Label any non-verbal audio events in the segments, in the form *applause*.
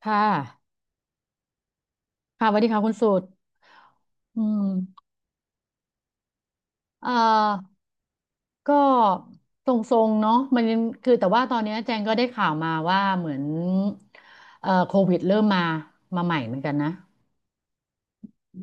ค่ะค่ะสวัสดีค่ะคุณสุดอืมเอ่อก็ทรงๆ เนาะมันยังคือแต่ว่าตอนเนี้ยแจงก็ได้ข่าวมาว่าเหมือนโควิดเริ่มมามาใหม่เหมือนกันนะ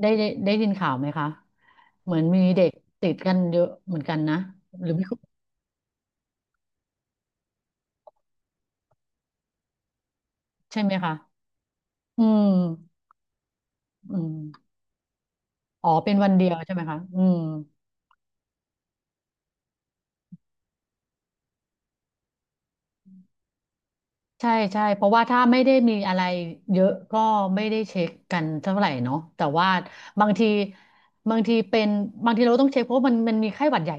ได้ยินข่าวไหมคะ เหมือนมีเด็กติดกันเยอะเหมือนกันนะหรือไม่ใช่ไหมคะอืมอืมอ๋อเป็นวันเดียวใช่ไหมคะอืม ใช่ใช่เพราะว่าถ้าไม่ได้มีอะไรเยอะก็ไม่ได้เช็คกันเท่าไหร่เนาะแต่ว่าบางทีบางทีเป็นบางทีเราต้องเช็คเพราะมันมีไข้หวัดใหญ่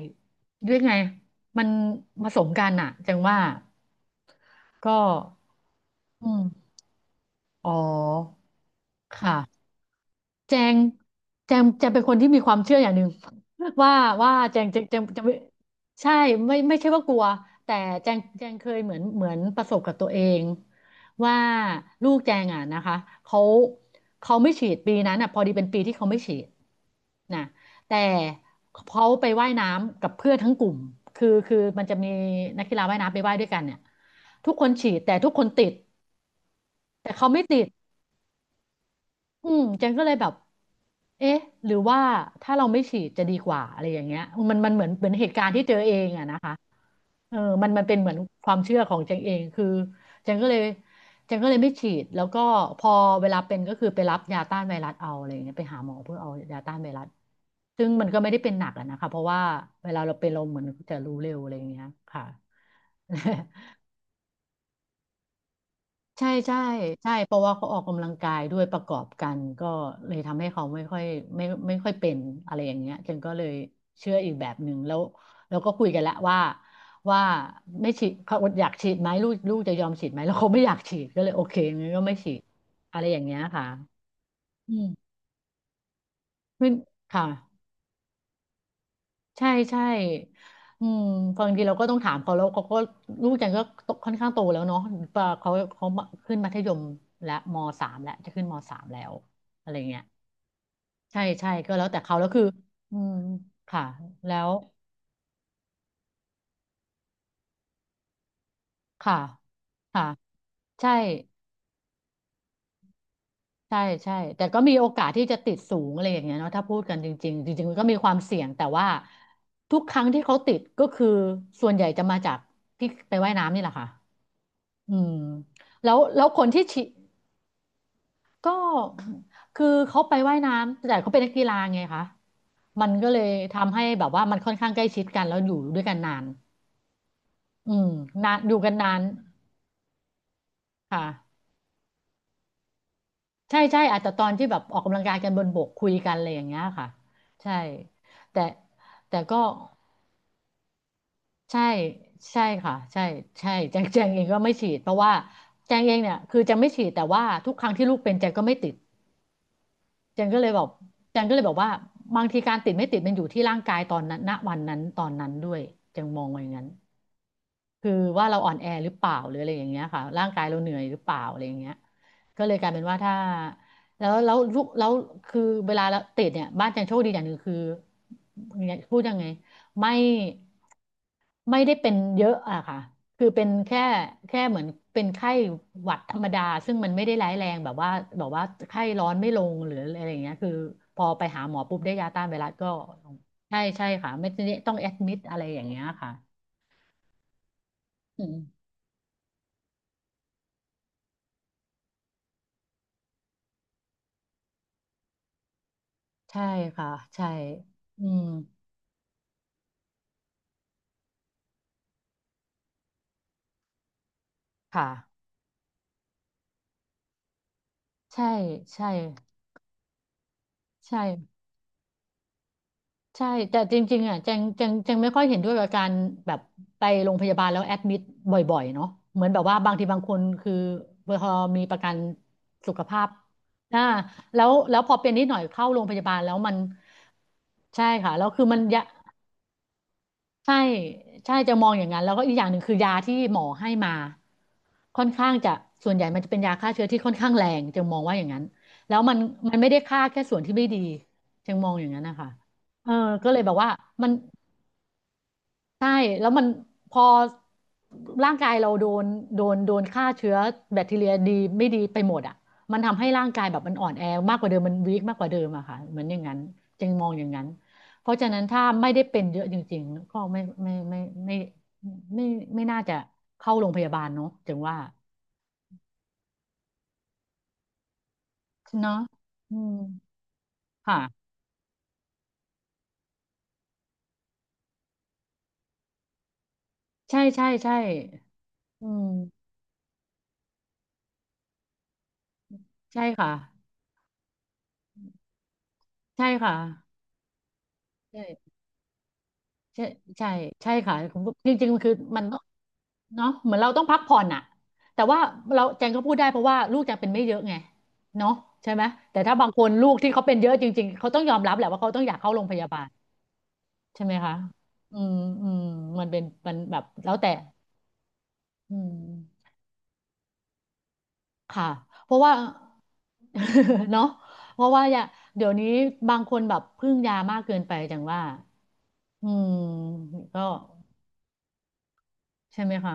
ด้วยไงมันผสมกันอะจังว่าก็อืมอ๋อค่ะ แจงแจงเป็นคนที่มีความเชื่ออย่างหนึ่ง *laughs* ว่าว่าแจงจะไม่ใช่ไม่ไม่ใช่ว่ากลัวแต่แจงเคยเหมือนประสบกับตัวเองว่าลูกแจงอ่ะนะคะเขาเขาไม่ฉีดปีนั้นอ่ะพอดีเป็นปีที่เขาไม่ฉีดนะแต่เขาไปว่ายน้ำกับเพื่อนทั้งกลุ่มคือมันจะมีนักกีฬาว่ายน้ำไปว่ายด้วยกันเนี่ยทุกคนฉีดแต่ทุกคนติดแต่เขาไม่ติด อืมเจนก็เลยแบบเอ๊ะหรือว่าถ้าเราไม่ฉีดจะดีกว่าอะไรอย่างเงี้ยมันเหมือนเหตุการณ์ที่เจอเองอะนะคะเออมันเป็นเหมือนความเชื่อของเจงเอง คือเจงก็เลยเจงก็เลยไม่ฉีดแล้วก็พอเวลาเป็นก็คือไปรับยาต้านไวรัสเอาอะไรอย่างเงี้ยไปหาหมอเพื่อเอายาต้านไวรัสซึ่งมันก็ไม่ได้เป็นหนักอะนะคะเพราะว่าเวลาเราเป็นเราเหมือนจะรู้เร็วอะไรอย่างเงี้ยค่ะ ใช่ใช่ใช่เพราะว่าเขาออกกำลังกายด้วยประกอบกันก็เลยทำให้เขาไม่ค่อยไม่ค่อยเป็นอะไรอย่างเงี้ยฉันก็เลยเชื่ออีกแบบหนึ่งแล้วแล้วก็คุยกันและวว่าว่าไม่ฉีดเขาอยากฉีดไหมลูกจะยอมฉีดไหมแล้วเขาไม่อยากฉีดก็เลยโอเคงั้นก็ไม่ฉีดอะไรอย่างเงี้ยค่ะอืมขึ้นค่ะ ใช่ใช่อืมบางทีเราก็ต้องถามเขาแล้วเขาก็ลูกจันก็ค่อนข้างโตแล้วเนาะปะเขาเขาขึ้นมัธยมและมสามแล้วจะขึ้นมสามแล้วอะไรเงี้ยใช่ใช่ก็แล้วแต่เขาแล้วคืออืมค่ะแล้วค่ะค่ะ ใช่ใช่ใช่แต่ก็มีโอกาสที่จะติดสูงอะไรอย่างเงี้ยเนาะถ้าพูดกันจริงๆจริงๆมันก็มีความเสี่ยงแต่ว่าทุกครั้งที่เขาติดก็คือส่วนใหญ่จะมาจากที่ไปว่ายน้ำนี่แหละค่ะอืมแล้วคนที่ฉีด ก็คือเขาไปว่ายน้ำแต่เขาเป็นนักกีฬาไงคะมันก็เลยทำให้แบบว่ามันค่อนข้างใกล้ชิดกันแล้วอยู่ด้วยกันนานอืมนานอยู่กันนานค่ะใช่ใช่อาจจะตอนที่แบบออกกำลังกายกันบนบกคุยกันอะไรอย่างเงี้ยค่ะใช่แต่แต่ก็ใช่ใช่ค่ะใช่ใช่แจงเองก็ไม่ฉีดเพราะว่าแจงเองเนี่ยคือแจงไม่ฉีดแต่ว่าทุกครั้งที่ลูกเป็นแจงก็ไม่ติด จันก็เลยบอกจันก็เลยบอกว่าบางทีการติดไม่ติดมันอยู่ที่ร่างกายตอนนั้นณวันนั้นตอนนั้นด้วยจันมองว่าอย่างนั้นคือว่าเราอ่อนแอหรือเปล่าหรืออะไรอย่างเงี้ยค่ะร่างกายเราเหนื่อยหรือเปล่าอะไรอย่างเงี้ยก็เลยกลายเป็นว่าถ้าแล้วแล้วลูกแล้วคือเวลาเราติดเนี่ยบ้านจันโชคดีอย่างหนึ่งคือพูดยังไงไม่ ไม่ได้เป็นเยอะอะค่ะ คือเป็นแค่เหมือนเป็นไข้หวัดธรรมดา ซึ่งมันไม่ได้ร้ายแรงแบบว่าแบบว่าไข้ร้อนไม่ลงหรืออะไรอย่างเงี้ยคือพอไปหาหมอปุ๊บได้ยาต้านไวรัสก็ลงใช่ใช่ค่ะไม่ได้ต้องแอดมิดอะไรอย่างเงี้ยค่ะอืมใช่ค่ะใช่อืมค่ะ ใช่ใช่ใช่ ใช่แต่จริงๆอ่ะแจงไม่ค่อยเห็นด้วยกับการแบบไปโรงพยาบาลแล้วแอดมิดบ่อยๆเนาะเหมือนแบบว่าบางทีบางคนคือพอมีประกันสุขภาพอ่าแล้วพอเป็นนิดหน่อยเข้าโรงพยาบาลแล้วมันใช่ค่ะแล้วคือมันยะ ใช่ใช่จะมองอย่างนั้นแล้วก็อีกอย่างหนึ่งคือยาที่หมอให้มาค่อนข้างจะส่วนใหญ่มันจะเป็นยาฆ่าเชื้อที่ค่อนข้างแรงจึงมองว่าอย่างนั้นแล้วมันไม่ได้ฆ่าแค่ส่วนที่ไม่ดีจึงมองอย่างนั้นนะคะเออก็เลยแบบว่ามัน ใช่แล้วมันพอร่างกายเราโดนโดนฆ่าเชื้อแบคทีเรียดีไม่ดีไปหมดอ่ะมันทำให้ร่างกายแบบมันอ่อนแอมากกว่าเดิมมันวีคมากกว่าเดิมอะค่ะเหมือนอย่างนั้นจึงมองอย่างนั้นเพราะฉะนั้นถ้าไม่ได้เป็นเยอะจริงๆก็ไม่ไม่ไม่ไม่ไม่ไม่ไม่น่าจะเข้าโรงพยาบาลเนาะจึงว่าเนาะอืมค่ะใช่ใช่ใช่อืมใช่ค่ะใช่ค่ะใช่ ใช่ใช่ใช่ค่ะผมจริงๆมันคือมันต้องเนาะเหมือนเราต้องพักผ่อนอะแต่ว่าเราแจงก็พูดได้เพราะว่าลูกแจงเป็นไม่เยอะไงเนาะใช่ไหมแต่ถ้าบางคนลูกที่เขาเป็นเยอะจริงๆเขาต้องยอมรับแหละว่าเขาต้องอยากเข้าโรงพยาบาลใช่ไหมคะอืมอืมมันเป็นมันแบบแล้วแต่อืมค่ะเพราะว่า *laughs* เนาะเพราะว่าอย่าเดี๋ยวนี้บางคนแบบพึ่งยามากเกินไปจังว่าอืมก็ใช่ไหมคะ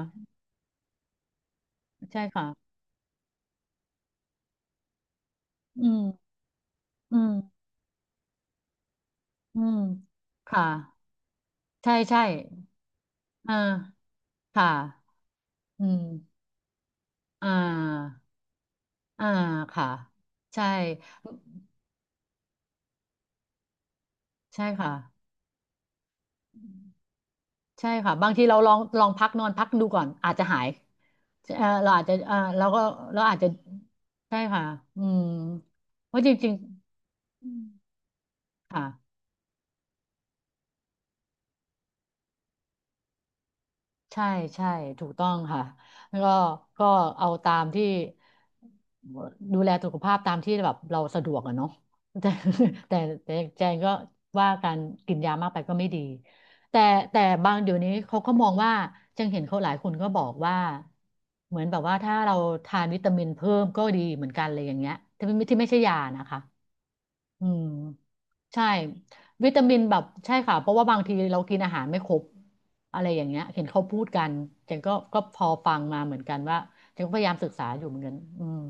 ใช่ค่ะอืม อืมอืมค่ะใช่ใช่อ่าค่ะอืมอ่าอ่าค่ะใช่ใช่ค่ะใช่ค่ะบางทีเราลองลองพักนอนพักดูก่อนอาจจะหายเราอาจจะเราก็เราอาจจะใช่ค่ะอืมเพราะจริงๆอืมค่ะ ใช่ใช่ถูกต้องค่ะแล้วก็ก็เอาตามที่ดูแลสุขภาพตามที่แบบเราสะดวกอะเนาะแต่ *laughs* แต่แต่แจงก็ว่าการกินยามากไปก็ไม่ดีแต่แต่บางเดี๋ยวนี้เขาก็มองว่าแจงเห็นเขาหลายคนก็บอกว่าเหมือนแบบว่าถ้าเราทานวิตามินเพิ่มก็ดีเหมือนกันเลยอย่างเงี้ยที่ไม่ที่ไม่ใช่ยานะคะ อืมใช่วิตามินแบบใช่ค่ะเพราะว่าบางทีเรากินอาหารไม่ครบอะไรอย่างเงี้ยเห็นเขาพูดกันจจนก็ก็พอฟังมาเหมือนกันว่าจนก็พยายามศึกษาอยู่เหมือนกันอืม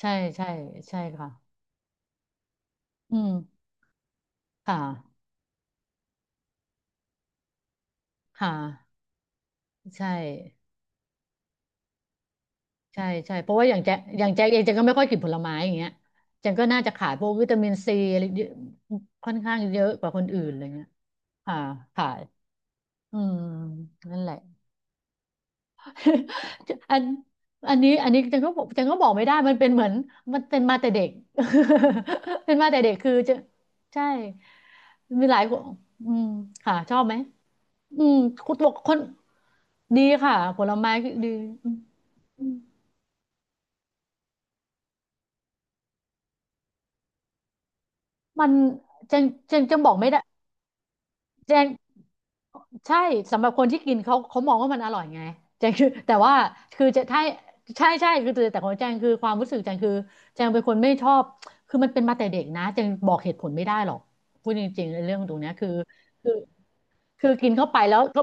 ใช่ใช่ใช่ค่ะอืมค่ะค่ะใช่ใช่ใช่เพราะว่าอย่างแจ็คอย่างแจ็คเองแจ็คก็ไม่ค่อยกินผลไม้อย่างเงี้ยแจ็คก็น่าจะขาดพวกวิตามินซีอะไรเยอะค่อนข้างเยอะกว่าคนอื่นอะไรเงี้ยค่ะค่ะอืมนั่นแหละ *laughs* อันอันนี้อันนี้จังก็บอกจังก็บอกไม่ได้มันเป็นเหมือนมันเป็นมาแต่เด็ก *laughs* เป็นมาแต่เด็กคือจะใช่มีหลายคนอืมค่ะชอบไหมอืมคุณบอกคนดีค่ะผลไม้ดีอืมมันจันจังจังบอกไม่ได้แจง ใช่สำหรับคนที่กินเขาเขามองว่ามันอร่อยไงแจงคือแต่ว่าคือจะถ้าใช่ใช่คือแต่แต่ของแจงคือความรู้สึกแจงคือแจงเป็นคนไม่ชอบคือมันเป็นมาแต่เด็กนะแจงบอกเหตุผลไม่ได้หรอกพูดจริงๆในเรื่องตรงเนี้ยคือคือ คือกินเข้าไปแล้วก็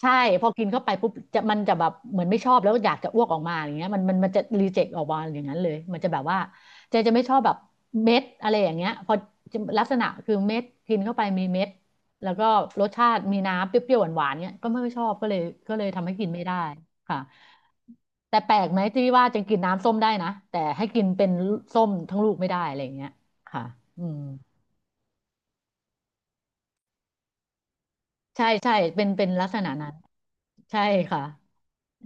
ใช่พอกินเข้าไปปุ๊บจะมันจะแบบเหมือนไม่ชอบแล้วอยากจะอ้วกออกมาอย่างเงี้ยมันจะรีเจ็คออกมาอย่างนั้นเลยมันจะแบบว่าเจจะไม่ชอบแบบเม็ดอะไรอย่างเงี้ยพอจะลักษณะคือเม็ดกินเข้าไปมีเม็ดแล้วก็รสชาติมีน้ำเปรี้ยวๆหวานๆเงี้ยก็ไม่ค่อยชอบก็เลยก็เลยทำให้กินไม่ได้ค่ะแต่แปลกไหมที่ว่าจะกินน้ำส้มได้นะแต่ให้กินเป็นส้มทั้งลูกไม่ได้อะไรอย่างเงี้ยค่ะอืม ใช่ใช่เป็นเป็นลักษณะนั้นใช่ค่ะ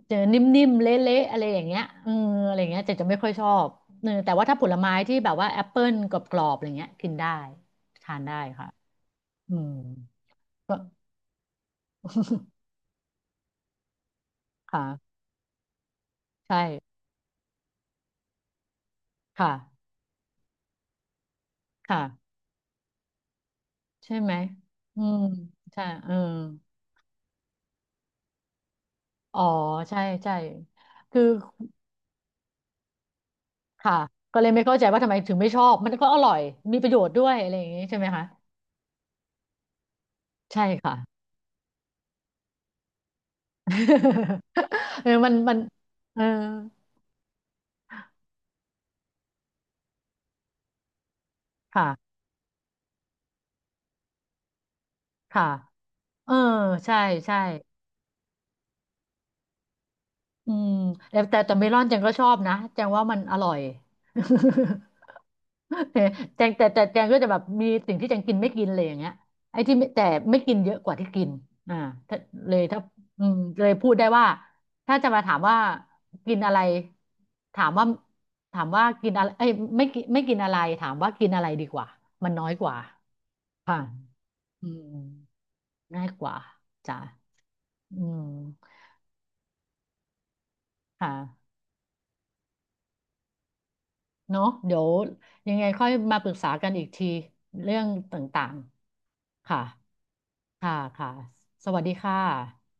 เจอนิ่มๆเละๆอะไรอย่างเงี้ยเอออะไรอย่างเงี้ยจะจะไม่ค่อยชอบเออแต่ว่าถ้าผลไม้ที่แบบว่าแอปเปิลกรอบๆอะไรเงี้ยกินได้ทานได้ค่ะอืมก็ *laughs* ค่ะใช่ค่ะค่ะใช่ไหมอืมใช่เอออ๋อใช่ใช่คือค่ะก็เลยไม่เข้าใจว่าทำไมถึงไม่ชอบมันก็อร่อยมีประโยชน์ด้วยอะไรอย่างงี้ใช่ไหมคะใช่ค่ะ *laughs* เออมันมันเออค่ะค่ะเออใช่ใช่อืมแต่แต่แต่เมลอนแจงก็ชอบนะแจงว่ามันอร่อย *laughs* แจงแต่แต่แจงก็จะแบบมีสิ่งที่แจงกินไม่กินเลยอย่างเงี้ยไอ้ที่ไม่แต่ไม่กินเยอะกว่าที่กินอ่าถ้าเลยถ้าอืมเลยพูดได้ว่าถ้าจะมาถามว่ากินอะไรถามว่าถามว่ากินอะไรเอ้ยไม่กินไม่กินอะไรถามว่ากินอะไรดีกว่ามันน้อยกว่าค่ะอืม ง่ายกว่าจ้ะอืมค่ะเนอะเดี๋ยวยังไงค่อยมาปรึกษากันอีกทีเรื่องต่างๆ ค่ะ ค่ะค่ะสวัสดีค่ะ